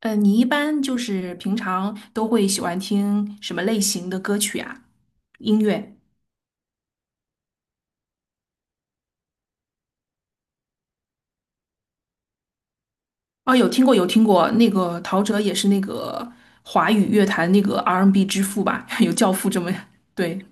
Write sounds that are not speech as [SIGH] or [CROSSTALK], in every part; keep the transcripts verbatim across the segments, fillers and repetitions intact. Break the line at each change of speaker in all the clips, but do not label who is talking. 呃，你一般就是平常都会喜欢听什么类型的歌曲啊？音乐？哦，有听过，有听过。那个陶喆也是那个华语乐坛那个 R and B n 之父吧？[LAUGHS] 有教父这么，对，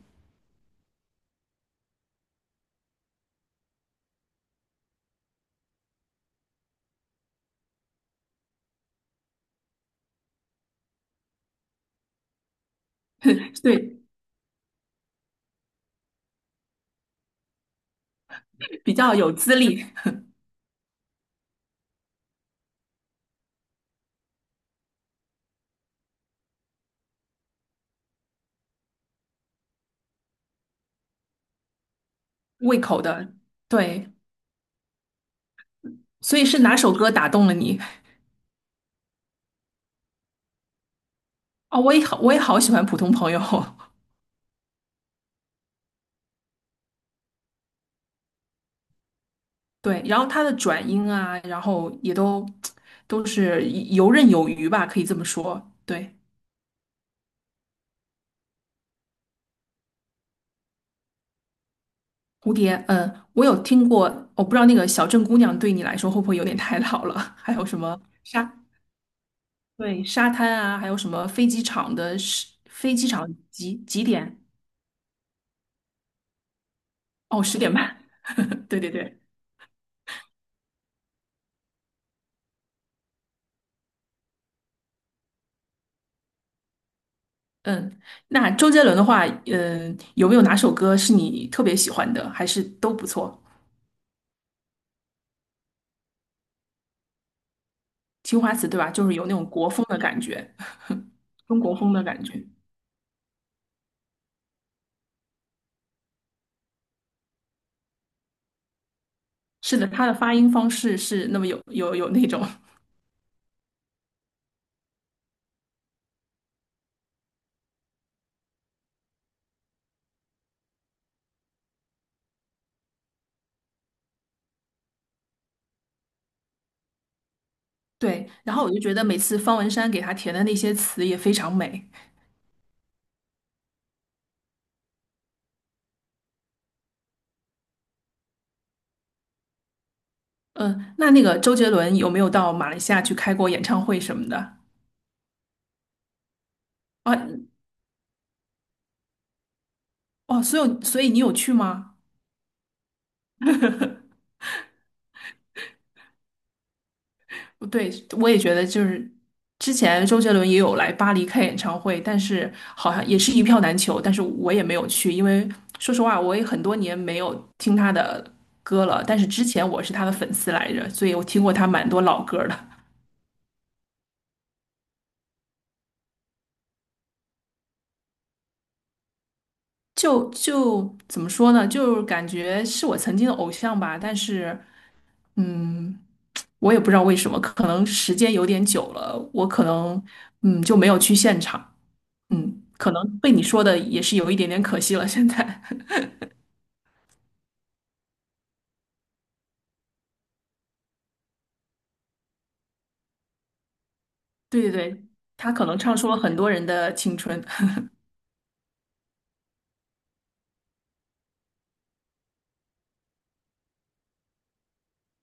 [LAUGHS] 对，比较有资历、胃口的。对，所以是哪首歌打动了你？哦，我也好，我也好喜欢《普通朋友》。[LAUGHS] 对，然后他的转音啊，然后也都 [TSK] 都是游刃有余吧，可以这么说。对。蝴蝶，嗯，我有听过，我不知道那个小镇姑娘对你来说会不会有点太老了？[LAUGHS] 还有什么沙，对，沙滩啊，还有什么飞机场的时，飞机场几几点？哦，十点半。[LAUGHS] 对对对，嗯，那周杰伦的话，嗯，有没有哪首歌是你特别喜欢的？还是都不错？青花瓷，对吧？就是有那种国风的感觉，中国风的感觉。是的，他的发音方式是那么有有有那种。[LAUGHS] 对，然后我就觉得每次方文山给他填的那些词也非常美。嗯，那那个周杰伦有没有到马来西亚去开过演唱会什么的？啊，哦，所以所以你有去吗？[LAUGHS] 对，我也觉得就是之前周杰伦也有来巴黎开演唱会，但是好像也是一票难求，但是我也没有去，因为说实话，我也很多年没有听他的歌了，但是之前我是他的粉丝来着，所以我听过他蛮多老歌的。就就怎么说呢？就是感觉是我曾经的偶像吧，但是嗯。我也不知道为什么，可能时间有点久了，我可能嗯就没有去现场，嗯，可能被你说的也是有一点点可惜了。现在，[LAUGHS] 对对对，他可能唱出了很多人的青春。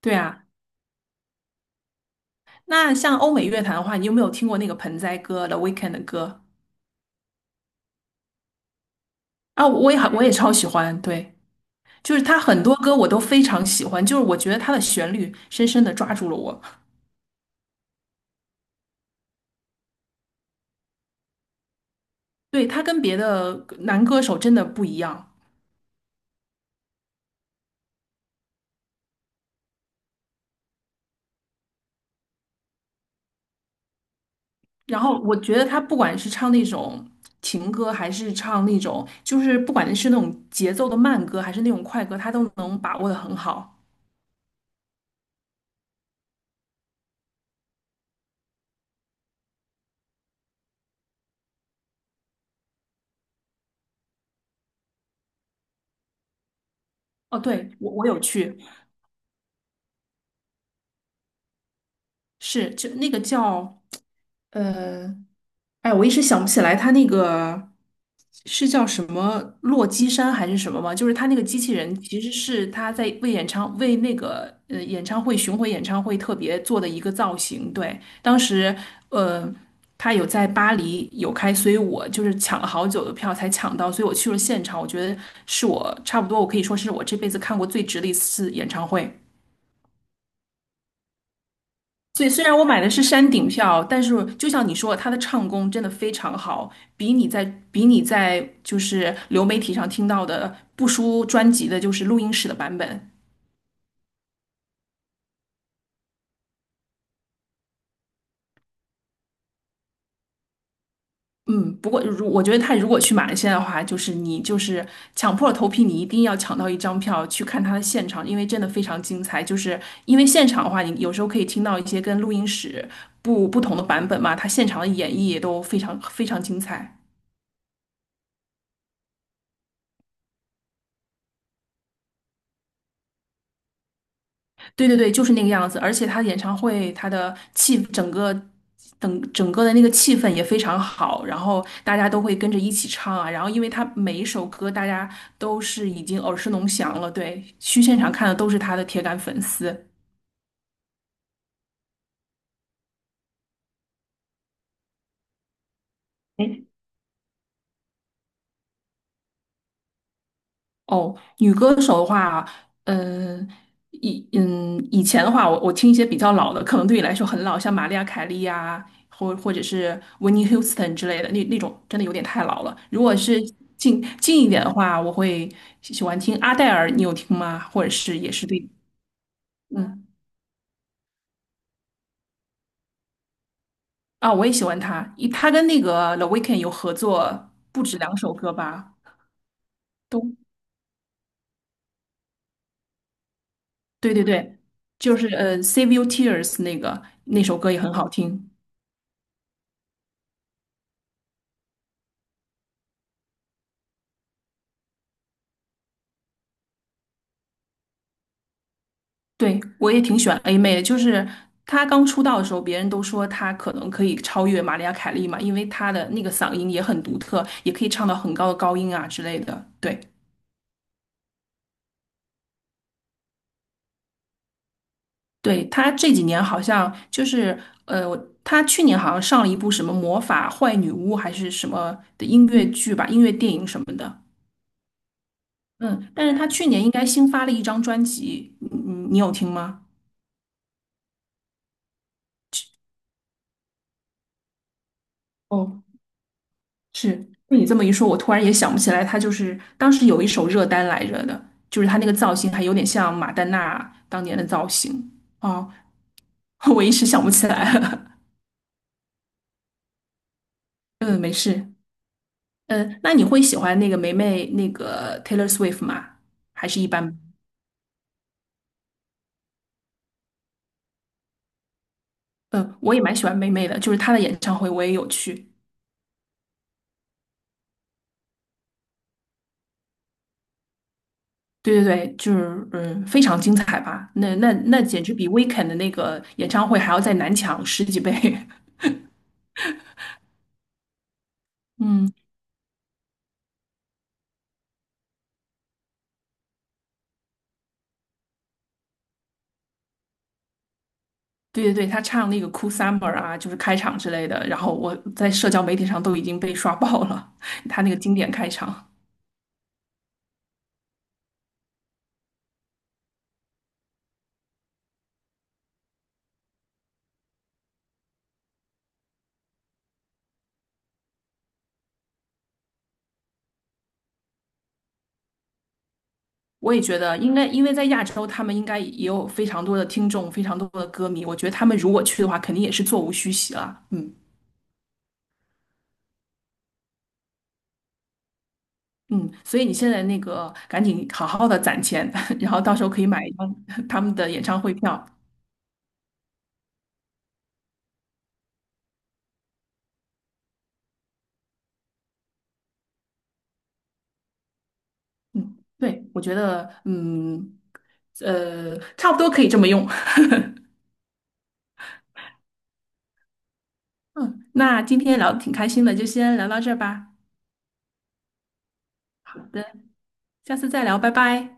[LAUGHS] 对啊，那像欧美乐坛的话，你有没有听过那个盆栽哥的 Weeknd e 的歌啊？我也很我也超喜欢，对，就是他很多歌我都非常喜欢，就是我觉得他的旋律深深的抓住了我。对，他跟别的男歌手真的不一样。然后我觉得他不管是唱那种情歌，还是唱那种，就是不管是那种节奏的慢歌，还是那种快歌，他都能把握的很好。哦，对，我我有去，是就那个叫呃哎，我一时想不起来他那个是叫什么洛基山还是什么吗？就是他那个机器人其实是他在为演唱为那个呃演唱会巡回演唱会特别做的一个造型。对，当时呃他有在巴黎有开，所以我就是抢了好久的票才抢到，所以我去了现场，我觉得是我差不多我可以说是我这辈子看过最值的一次演唱会。所以虽然我买的是山顶票，但是就像你说，他的唱功真的非常好，比你在比你在就是流媒体上听到的不输专辑的，就是录音室的版本。嗯，不过如我觉得他如果去马来西亚的话，就是你就是抢破头皮，你一定要抢到一张票去看他的现场，因为真的非常精彩。就是因为现场的话，你有时候可以听到一些跟录音室不不同的版本嘛，他现场的演绎也都非常非常精彩。对对对，就是那个样子。而且他演唱会，他的气整个等整个的那个气氛也非常好，然后大家都会跟着一起唱啊。然后因为他每一首歌大家都是已经耳熟能详了，对，去现场看的都是他的铁杆粉丝。哦，女歌手的话，嗯，以嗯以前的话，我我听一些比较老的，可能对你来说很老，像玛丽亚凯莉呀、或或者是 w 尼· i t n Houston 之类的，那那种真的有点太老了。如果是近近一点的话，我会喜喜欢听阿黛尔，你有听吗？或者是也是对，嗯啊，我也喜欢她，一她跟那个 The Weeknd 有合作不止两首歌吧，都对对对，就是呃 Save Your Tears 那个那首歌也很好听。对，我也挺喜欢 A 妹的，就是她刚出道的时候，别人都说她可能可以超越玛利亚·凯莉嘛，因为她的那个嗓音也很独特，也可以唱到很高的高音啊之类的。对，对，她这几年好像就是呃，我她去年好像上了一部什么魔法坏女巫还是什么的音乐剧吧，音乐电影什么的。嗯，但是她去年应该新发了一张专辑，你你你有听吗？哦。是，被你这么一说，我突然也想不起来，他就是当时有一首热单来着的，就是他那个造型还有点像马丹娜当年的造型哦，[LAUGHS] 我一时想不起来了。[LAUGHS] 嗯，没事。嗯，那你会喜欢那个霉霉那个 Taylor Swift 吗？还是一般？嗯，我也蛮喜欢霉霉的，就是她的演唱会我也有去。对对对，就是嗯，非常精彩吧？那那那简直比 Weekend 的那个演唱会还要再难抢十几倍。[LAUGHS] 嗯，对对对，他唱那个《Cool Summer》啊，就是开场之类的，然后我在社交媒体上都已经被刷爆了，[LAUGHS] 他那个经典开场。我也觉得应该，因为在亚洲，他们应该也有非常多的听众，非常多的歌迷。我觉得他们如果去的话，肯定也是座无虚席了。嗯嗯，所以你现在那个赶紧好好的攒钱，[LAUGHS] 然后到时候可以买一张 [LAUGHS] 他们的演唱会票。对，我觉得，嗯，呃，差不多可以这么用。[LAUGHS] 嗯，那今天聊的挺开心的，就先聊到这儿吧。好的。下次再聊，拜拜。